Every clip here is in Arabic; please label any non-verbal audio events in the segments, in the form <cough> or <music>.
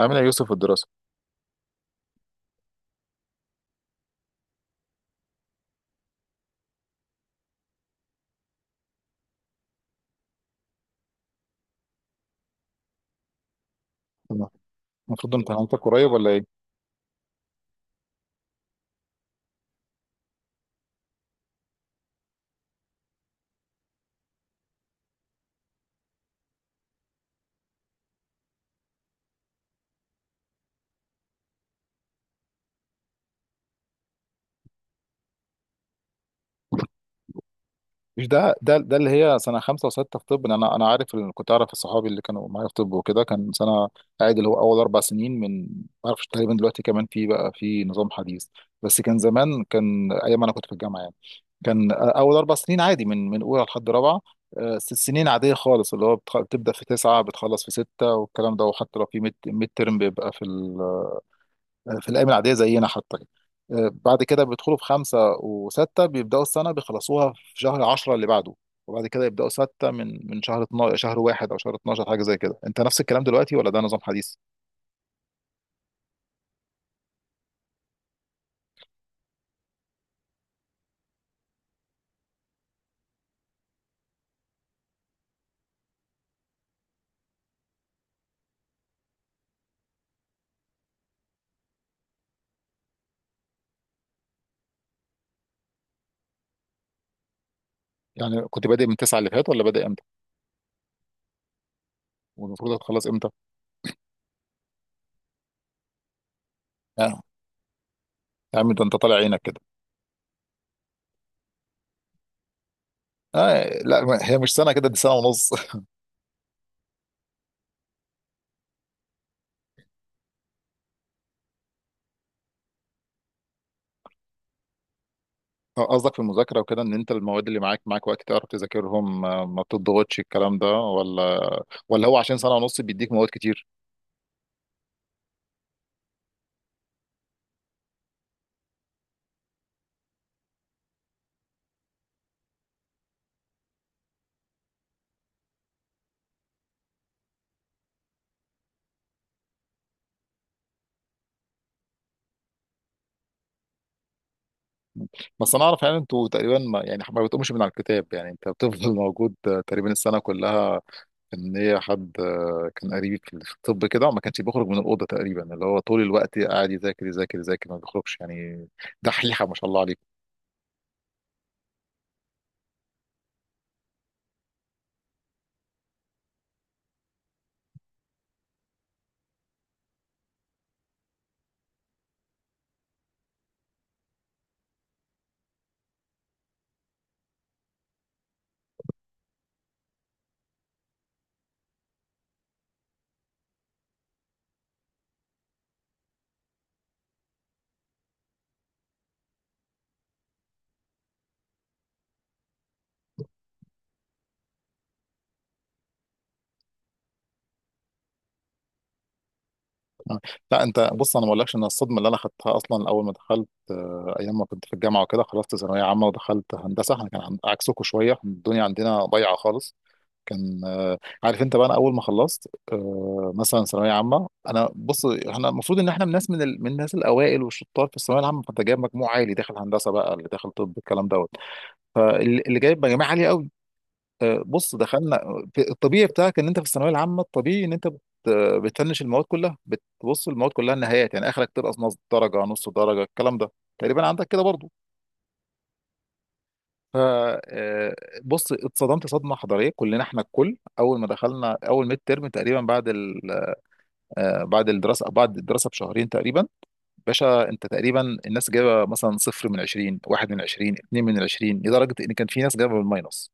عامل ايه يا يوسف في الدراسه؟ تمام. المفروض امتحاناتك قريب ولا ايه؟ مش ده اللي هي سنه خمسه وسته في طب، إن انا عارف، إن كنت اعرف صحابي اللي كانوا معايا في طب وكده، كان سنه قاعد اللي هو اول اربع سنين. ما اعرفش تقريبا دلوقتي، كمان في بقى في نظام حديث، بس كان زمان، كان ايام انا كنت في الجامعه يعني، كان اول اربع سنين عادي من اولى لحد رابعه. ست سنين عاديه خالص، اللي هو بتبدا في تسعه بتخلص في سته والكلام ده، وحتى لو في ميد ترم بيبقى في الايام العاديه زينا حتى. بعد كده بيدخلوا في خمسه وسته، بيبداوا السنه بيخلصوها في شهر 10 اللي بعده، وبعد كده يبداوا سته من شهر 12، شهر واحد او شهر 12، حاجه زي كده. انت نفس الكلام دلوقتي ولا ده نظام حديث؟ يعني كنت بادئ من تسعه اللي فات، ولا بادئ امتى؟ والمفروض هتخلص امتى؟ آه. يا عم ده انت طالع عينك كده. آه، لا ما- هي مش سنه كده، دي سنه ونص. <laughs> قصدك في المذاكره وكده، ان انت المواد اللي معاك وقت تعرف تذاكرهم، ما بتضغطش الكلام ده، ولا ولا هو عشان سنه ونص بيديك مواد كتير؟ بس انا اعرف يعني انتوا تقريبا ما بتقومش من على الكتاب، يعني انت بتفضل <laughs> موجود تقريبا السنه كلها. ان هي حد كان قريب في الطب كده وما كانش بيخرج من الاوضه، تقريبا اللي هو طول الوقت قاعد يذاكر يذاكر يذاكر، ما بيخرجش يعني. دحيحه ما شاء الله عليك. لا انت بص، انا ما اقولكش ان الصدمه اللي انا خدتها اصلا اول ما دخلت، ايام ما كنت في الجامعه وكده، خلصت ثانويه عامه ودخلت هندسه، احنا كان عكسكم شويه، الدنيا عندنا ضايعه خالص. كان، عارف انت بقى، انا اول ما خلصت مثلا ثانويه عامه، انا بص، احنا المفروض ان احنا من الناس، من الناس الاوائل والشطار في الثانويه العامه، فانت جايب مجموع عالي داخل هندسه بقى، اللي داخل طب الكلام دوت، فاللي جايب مجاميع عاليه قوي. بص دخلنا، الطبيعي بتاعك ان انت في الثانويه العامه، الطبيعي ان انت بتفنش المواد كلها، بتبص المواد كلها النهايات، يعني اخرك تنقص نص درجه، نص درجه الكلام ده تقريبا عندك كده برضه. فبص، اتصدمت صدمه حضاريه، كلنا احنا الكل اول ما دخلنا اول ميد ترم تقريبا، بعد الدراسه بشهرين تقريبا. باشا، انت تقريبا الناس جايبه مثلا صفر من 20، واحد من 20، اتنين من 20، لدرجه ان كان في ناس جايبه بالماينس.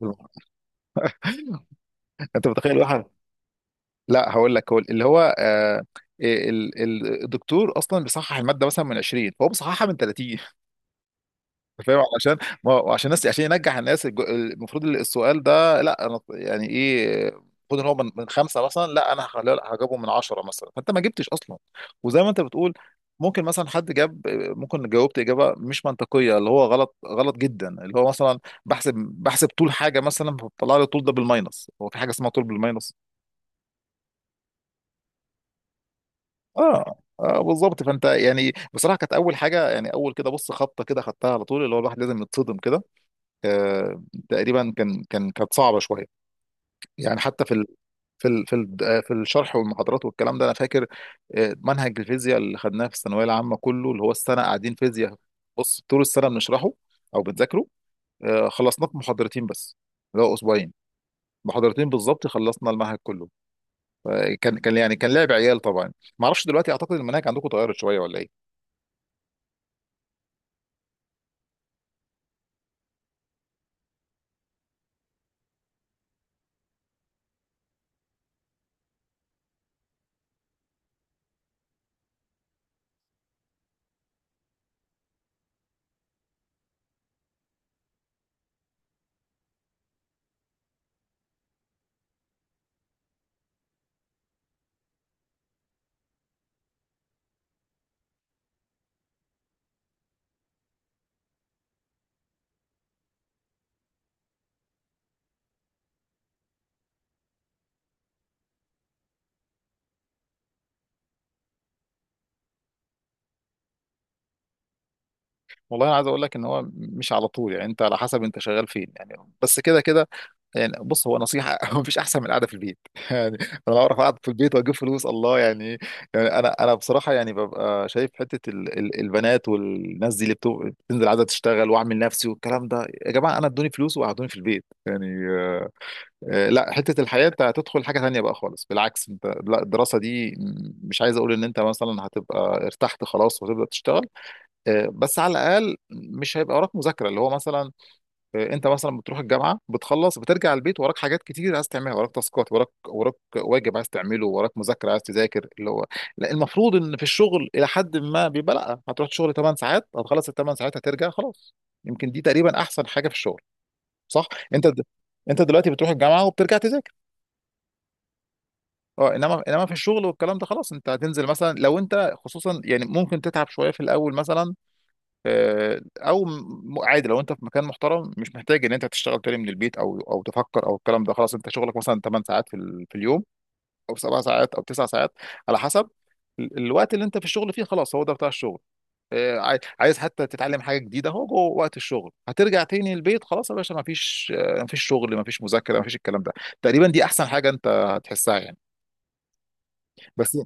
<laughs> انت متخيل واحد؟ لا هقول لك، هو اللي هو الدكتور اصلا بيصحح الماده مثلا من 20، فهو بيصححها من 30. فاهم؟ علشان، ما هو عشان الناس، عشان ينجح الناس، المفروض السؤال ده، لا انا يعني ايه، المفروض ان هو من خمسه مثلا، لا انا هخليه- لا، هجيبه من عشره مثلا، فانت ما جبتش اصلا. وزي ما انت بتقول، ممكن مثلا حد جاب، ممكن جاوبت اجابه مش منطقيه، اللي هو غلط، غلط جدا، اللي هو مثلا بحسب طول حاجه مثلا، فطلع لي الطول ده بالماينس، هو في حاجه اسمها طول بالماينس؟ اه اه بالظبط. فانت يعني بصراحه كانت اول حاجه، يعني اول كده بص، خبطه كده خدتها على طول، اللي هو الواحد لازم يتصدم كده. آه، تقريبا كانت صعبه شويه. يعني حتى في ال في الشرح والمحاضرات والكلام ده، انا فاكر منهج الفيزياء اللي خدناه في الثانويه العامه كله، اللي هو السنه قاعدين فيزياء، بص طول السنه بنشرحه او بنذاكره، خلصناه في محاضرتين بس، اللي هو اسبوعين، محاضرتين بالظبط خلصنا المنهج كله. فكان، كان لعب عيال طبعا. ما اعرفش دلوقتي، اعتقد المناهج عندكم اتغيرت شويه ولا ايه؟ والله انا عايز اقول لك ان هو مش على طول يعني، انت على حسب انت شغال فين يعني، بس كده كده. يعني بص، هو نصيحة <laughs> هو مفيش أحسن من القعدة في البيت. <laughs> يعني أنا بعرف أقعد في البيت وأجيب فلوس، الله يعني. يعني أنا بصراحة يعني ببقى شايف حتة ال البنات والناس دي اللي بتنزل عايزة تشتغل وأعمل نفسي والكلام ده، يا جماعة أنا ادوني فلوس وقعدوني في البيت يعني. لا حتة الحياة، أنت هتدخل حاجة تانية بقى خالص، بالعكس أنت، لا الدراسة دي مش عايز أقول إن أنت مثلا هتبقى ارتحت خلاص وتبدأ تشتغل، بس على الأقل مش هيبقى وراك مذاكرة، اللي هو مثلا انت مثلا بتروح الجامعه بتخلص بترجع البيت، وراك حاجات كتير عايز تعملها، وراك تاسكات، وراك واجب عايز تعمله، وراك مذاكره عايز تذاكر اللي هو. لا المفروض ان في الشغل الى حد ما بيبقى لا، هتروح الشغل 8 ساعات هتخلص ال 8 ساعات هترجع خلاص، يمكن دي تقريبا احسن حاجه في الشغل. صح؟ انت د... انت دلوقتي بتروح الجامعه وبترجع تذاكر، اه. انما في الشغل والكلام ده، خلاص انت هتنزل مثلا، لو انت خصوصا يعني ممكن تتعب شويه في الاول مثلا، عادي لو انت في مكان محترم مش محتاج ان انت تشتغل تاني من البيت او تفكر او الكلام ده، خلاص انت شغلك مثلا 8 ساعات في اليوم، او 7 ساعات او 9 ساعات على حسب، الوقت اللي انت في الشغل فيه خلاص، هو ده بتاع الشغل. عايز حتى تتعلم حاجه جديده، هو جوه وقت الشغل، هترجع تاني البيت، خلاص يا باشا، ما فيش ما فيش شغل، ما فيش مذاكره، ما فيش الكلام ده، تقريبا دي احسن حاجه انت هتحسها يعني. بس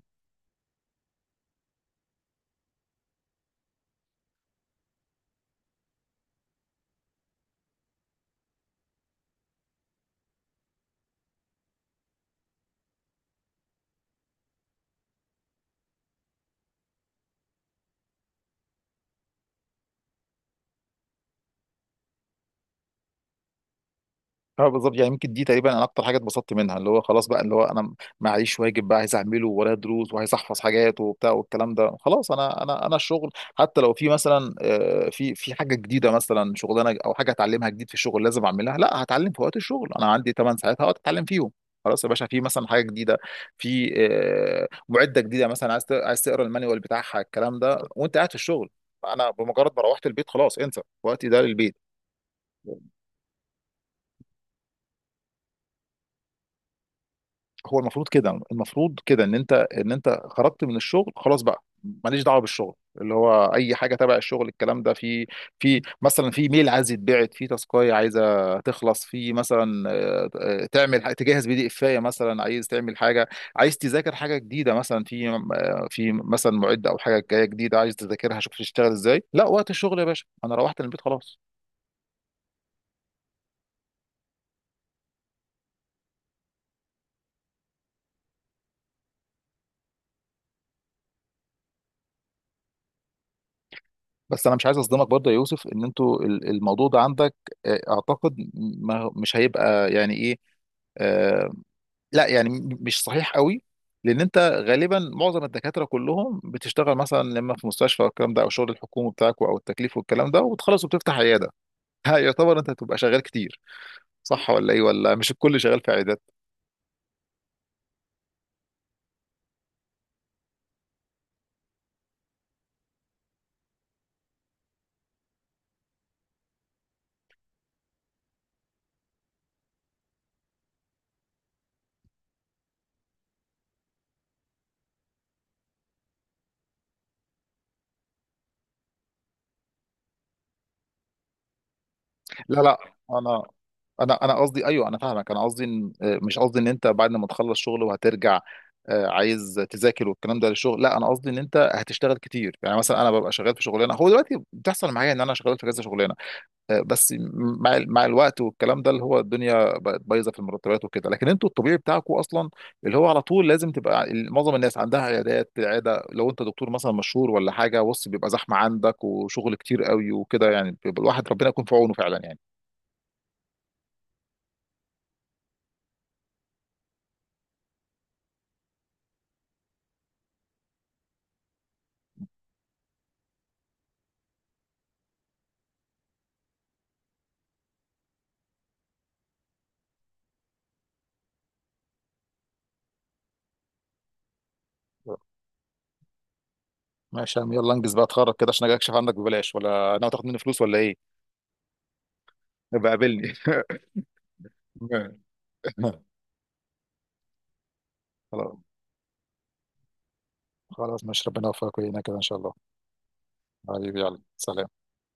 اه بالظبط يعني، يمكن دي تقريبا انا اكتر حاجه اتبسطت منها، اللي هو خلاص بقى، اللي هو انا معيش واجب بقى عايز اعمله ورايا، دروس وعايز احفظ حاجات وبتاع والكلام ده، خلاص، انا الشغل حتى لو في مثلا في حاجه جديده مثلا، شغلانه او حاجه اتعلمها جديد في الشغل لازم اعملها، لا هتعلم في وقت الشغل، انا عندي 8 ساعات هقعد اتعلم فيهم، خلاص يا باشا. في مثلا حاجه جديده، في معده جديده مثلا، عايز عايز تقرا المانيوال بتاعها، الكلام ده وانت قاعد في الشغل، انا بمجرد ما روحت البيت خلاص انسى، وقتي ده للبيت. هو المفروض كده، المفروض كده ان انت، خرجت من الشغل خلاص بقى ماليش دعوه بالشغل، اللي هو اي حاجه تبع الشغل الكلام ده، في مثلا في ميل عايز يتبعت، في تاسكايه عايزه تخلص، في مثلا تعمل تجهز بي دي افايه مثلا، عايز تعمل حاجه، عايز تذاكر حاجه جديده مثلا، في في مثلا معده او حاجه جايه جديده عايز تذاكرها، شوف تشتغل ازاي، لا وقت الشغل يا باشا، انا روحت البيت خلاص. بس انا مش عايز اصدمك برضه يا يوسف، ان انتوا الموضوع ده عندك اعتقد ما مش هيبقى يعني ايه، آه، لا يعني مش صحيح قوي، لان انت غالبا معظم الدكاتره كلهم بتشتغل مثلا لما في مستشفى والكلام ده، او شغل الحكومي بتاعك او التكليف والكلام ده، وبتخلص وبتفتح عياده. <laughs> ها، يعتبر انت هتبقى شغال كتير، صح ولا ايه؟ ولا مش الكل شغال في عيادات؟ لا لا، انا انا قصدي ايوه، انا فاهمك، انا قصدي مش قصدي ان انت بعد ما تخلص شغل وهترجع عايز تذاكر والكلام ده للشغل، لا انا قصدي ان انت هتشتغل كتير، يعني مثلا انا ببقى شغال في شغلانه، هو دلوقتي بتحصل معايا ان انا شغال في كذا شغلانه، بس مع الوقت والكلام ده، اللي هو الدنيا بقت بايظه في المرتبات وكده، لكن انتوا الطبيعي بتاعكم اصلا، اللي هو على طول لازم تبقى معظم الناس عندها عيادات، العياده لو انت دكتور مثلا مشهور ولا حاجه، بص بيبقى زحمه عندك وشغل كتير قوي وكده، يعني بيبقى الواحد ربنا يكون في عونه فعلا يعني. ماشي يا عم، يلا انجز بقى اتخرج كده، عشان اجي اكشف عندك ببلاش ولا ناوي تاخد مني فلوس ولا ايه؟ يبقى قابلني. <laughs> خلاص، خلاص ماشي، ربنا يوفقك ويعينك كده ان شاء الله. حبيبي يلا سلام.